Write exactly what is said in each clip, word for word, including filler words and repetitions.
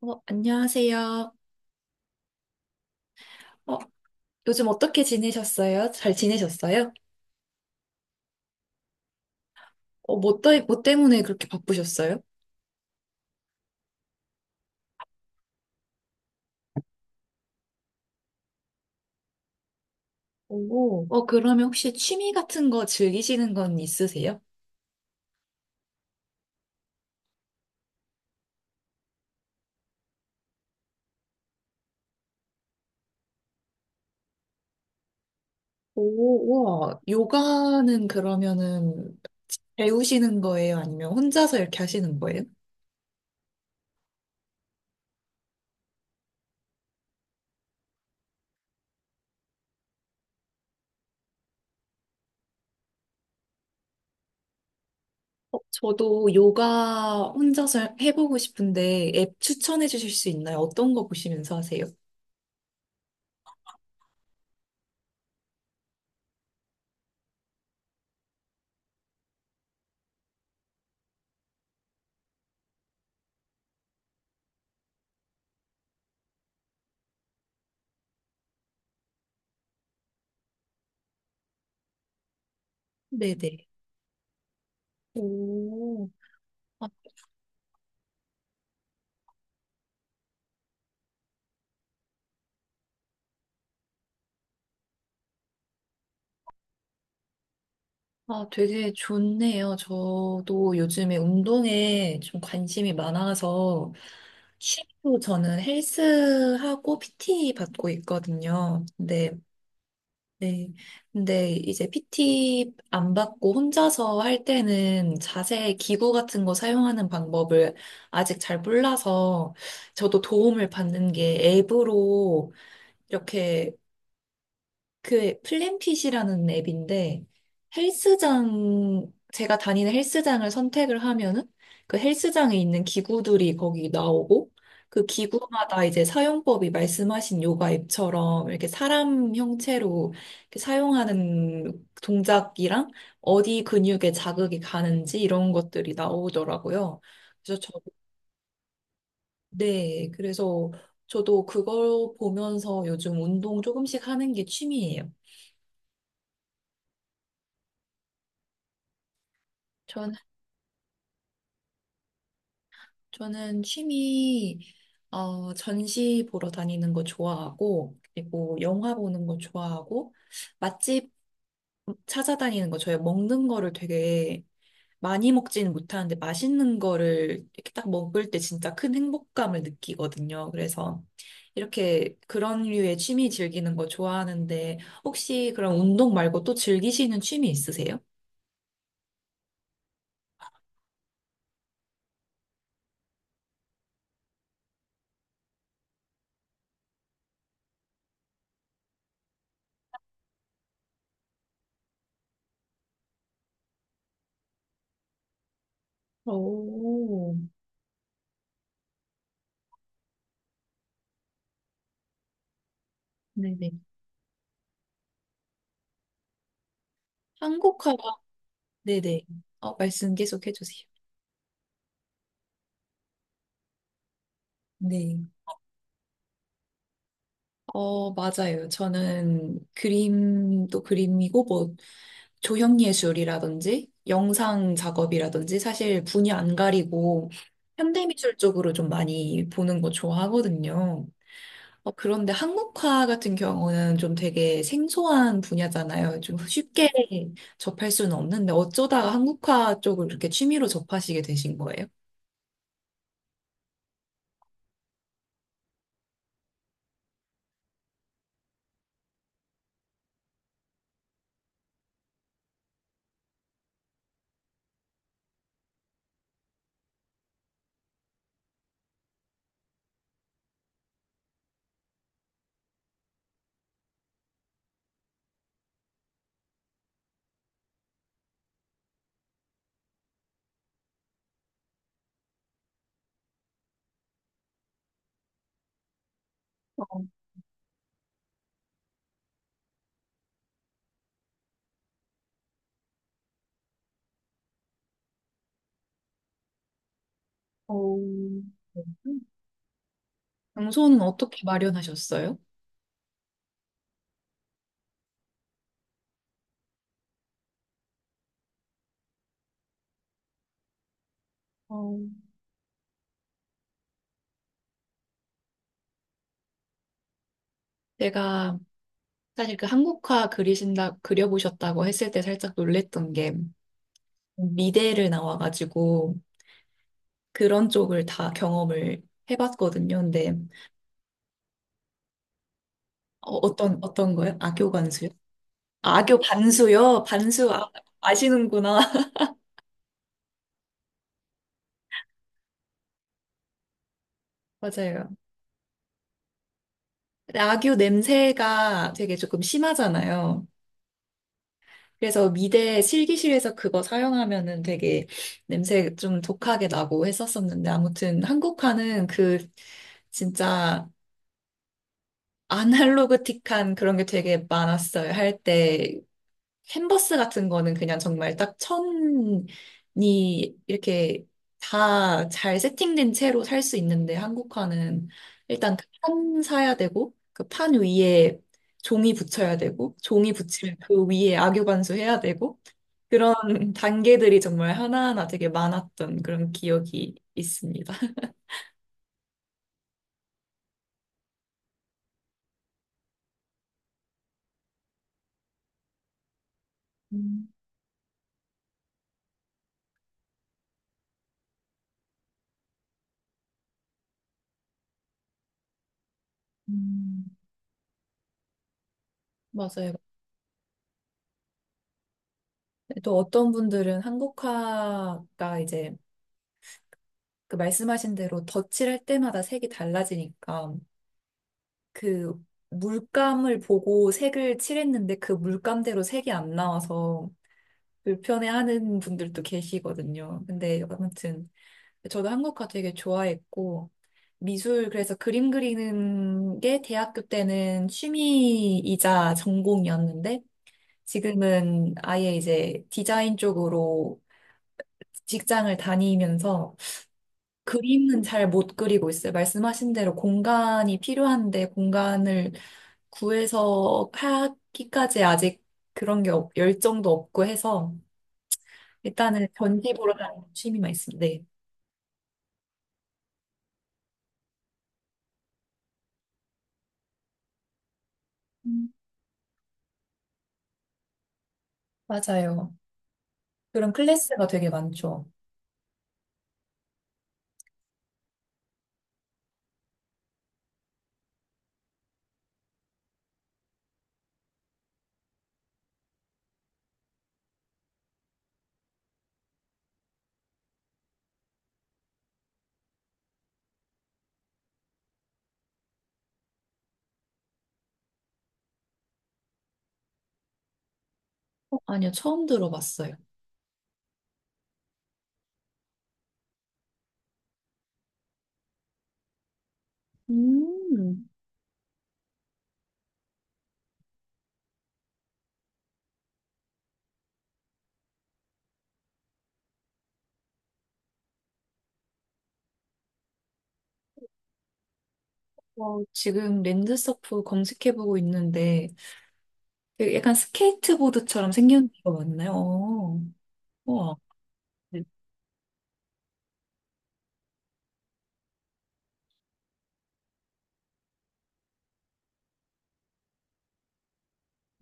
어, 안녕하세요. 어, 요즘 어떻게 지내셨어요? 잘 지내셨어요? 어, 뭐, 때, 뭐 때문에 그렇게 바쁘셨어요? 오, 어, 그러면 혹시 취미 같은 거 즐기시는 건 있으세요? 오, 우와. 요가는 그러면은 배우시는 거예요? 아니면 혼자서 이렇게 하시는 거예요? 어, 저도 요가 혼자서 해보고 싶은데 앱 추천해 주실 수 있나요? 어떤 거 보시면서 하세요? 네네. 오. 아, 아, 되게 좋네요. 저도 요즘에 운동에 좀 관심이 많아서 취미로 저는 헬스하고 피티 받고 있거든요. 근데, 네. 근데 이제 피티 안 받고 혼자서 할 때는 자세 기구 같은 거 사용하는 방법을 아직 잘 몰라서 저도 도움을 받는 게 앱으로 이렇게 그 플랜핏이라는 앱인데 헬스장 제가 다니는 헬스장을 선택을 하면은 그 헬스장에 있는 기구들이 거기 나오고 그 기구마다 이제 사용법이 말씀하신 요가 앱처럼 이렇게 사람 형체로 이렇게 사용하는 동작이랑 어디 근육에 자극이 가는지 이런 것들이 나오더라고요. 그래서 저, 네, 그래서 저도 그걸 보면서 요즘 운동 조금씩 하는 게 취미예요. 저는 저는 취미, 어, 전시 보러 다니는 거 좋아하고, 그리고 영화 보는 거 좋아하고, 맛집 찾아다니는 거, 저희 먹는 거를 되게 많이 먹지는 못하는데, 맛있는 거를 이렇게 딱 먹을 때 진짜 큰 행복감을 느끼거든요. 그래서 이렇게 그런 류의 취미 즐기는 거 좋아하는데, 혹시 그런 운동 말고 또 즐기시는 취미 있으세요? 오, 네네. 한국화가, 네네. 어, 말씀 계속 해주세요. 네. 어, 맞아요. 저는 그림도 그림이고, 뭐, 조형예술이라든지, 영상 작업이라든지, 사실 분야 안 가리고, 현대미술 쪽으로 좀 많이 보는 거 좋아하거든요. 어, 그런데 한국화 같은 경우는 좀 되게 생소한 분야잖아요. 좀 쉽게 접할 수는 없는데, 어쩌다가 한국화 쪽을 이렇게 취미로 접하시게 되신 거예요? 어, 장소는 어떻게 마련하셨어요? 어, 제가 사실 그 한국화 그리신다, 그려보셨다고 했을 때 살짝 놀랬던 게 미대를 나와가지고 그런 쪽을 다 경험을 해봤거든요. 근데 어, 어떤, 어떤 거요? 악교 관수요? 아, 악교 반수요? 반수 아, 아시는구나. 맞아요. 근데 악교 냄새가 되게 조금 심하잖아요. 그래서 미대 실기실에서 그거 사용하면은 되게 냄새 좀 독하게 나고 했었었는데 아무튼 한국화는 그 진짜 아날로그틱한 그런 게 되게 많았어요. 할 때 캔버스 같은 거는 그냥 정말 딱 천이 이렇게 다 잘 세팅된 채로 살 수 있는데 한국화는 일단 그 판 사야 되고 그 판 위에 종이 붙여야 되고 종이 붙이면 그 위에 악유반수 해야 되고 그런 단계들이 정말 하나하나 되게 많았던 그런 기억이 있습니다. 음. 음. 맞아요. 또 어떤 분들은 한국화가 이제 그 말씀하신 대로 덧칠할 때마다 색이 달라지니까 그 물감을 보고 색을 칠했는데 그 물감대로 색이 안 나와서 불편해하는 분들도 계시거든요. 근데 아무튼 저도 한국화 되게 좋아했고 미술 그래서 그림 그리는 게 대학교 때는 취미이자 전공이었는데 지금은 아예 이제 디자인 쪽으로 직장을 다니면서 그림은 잘 못 그리고 있어요. 말씀하신 대로 공간이 필요한데 공간을 구해서 하기까지 아직 그런 게 없- 열정도 없고 해서 일단은 전시 보러 다니는 취미만 있습니다. 네. 음. 맞아요. 그런 클래스가 되게 많죠. 어, 아니요, 처음 들어봤어요. 음. 와, 지금 랜드서프 검색해보고 있는데 되게 약간 스케이트보드처럼 생긴 거 맞나요? 어, 우와. 네.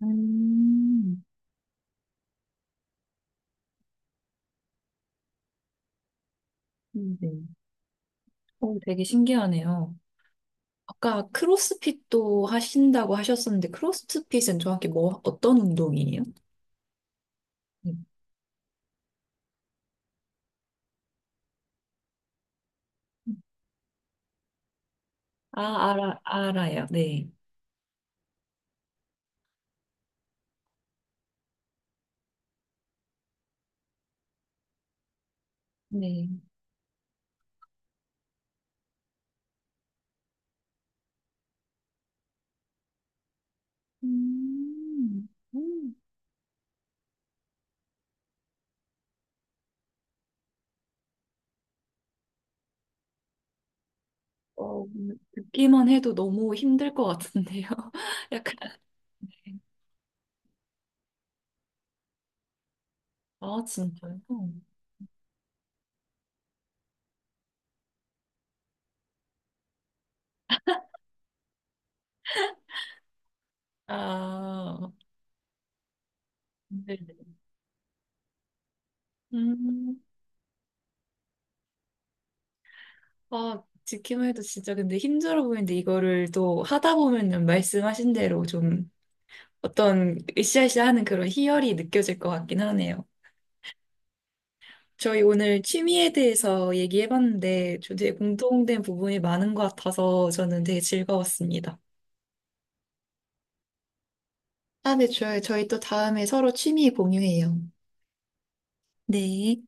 음. 네. 오, 되게 신기하네요. 아까 크로스핏도 하신다고 하셨었는데, 크로스핏은 정확히 뭐, 어떤 운동이에요? 네. 아, 알아, 알아요. 네. 네. 음. 음. 어, 듣기만 해도 너무 힘들 것 같은데요. 약간, 아, 진짜요? 아, 네네. 음, 아, 듣기만 해도 진짜 근데 힘들어 보이는데 이거를 또 하다 보면은 말씀하신 대로 좀 어떤 으쌰으쌰하는 그런 희열이 느껴질 것 같긴 하네요. 저희 오늘 취미에 대해서 얘기해봤는데 저 되게 공통된 부분이 많은 것 같아서 저는 되게 즐거웠습니다. 아, 네, 좋아요. 저희 또 다음에 서로 취미 공유해요. 네.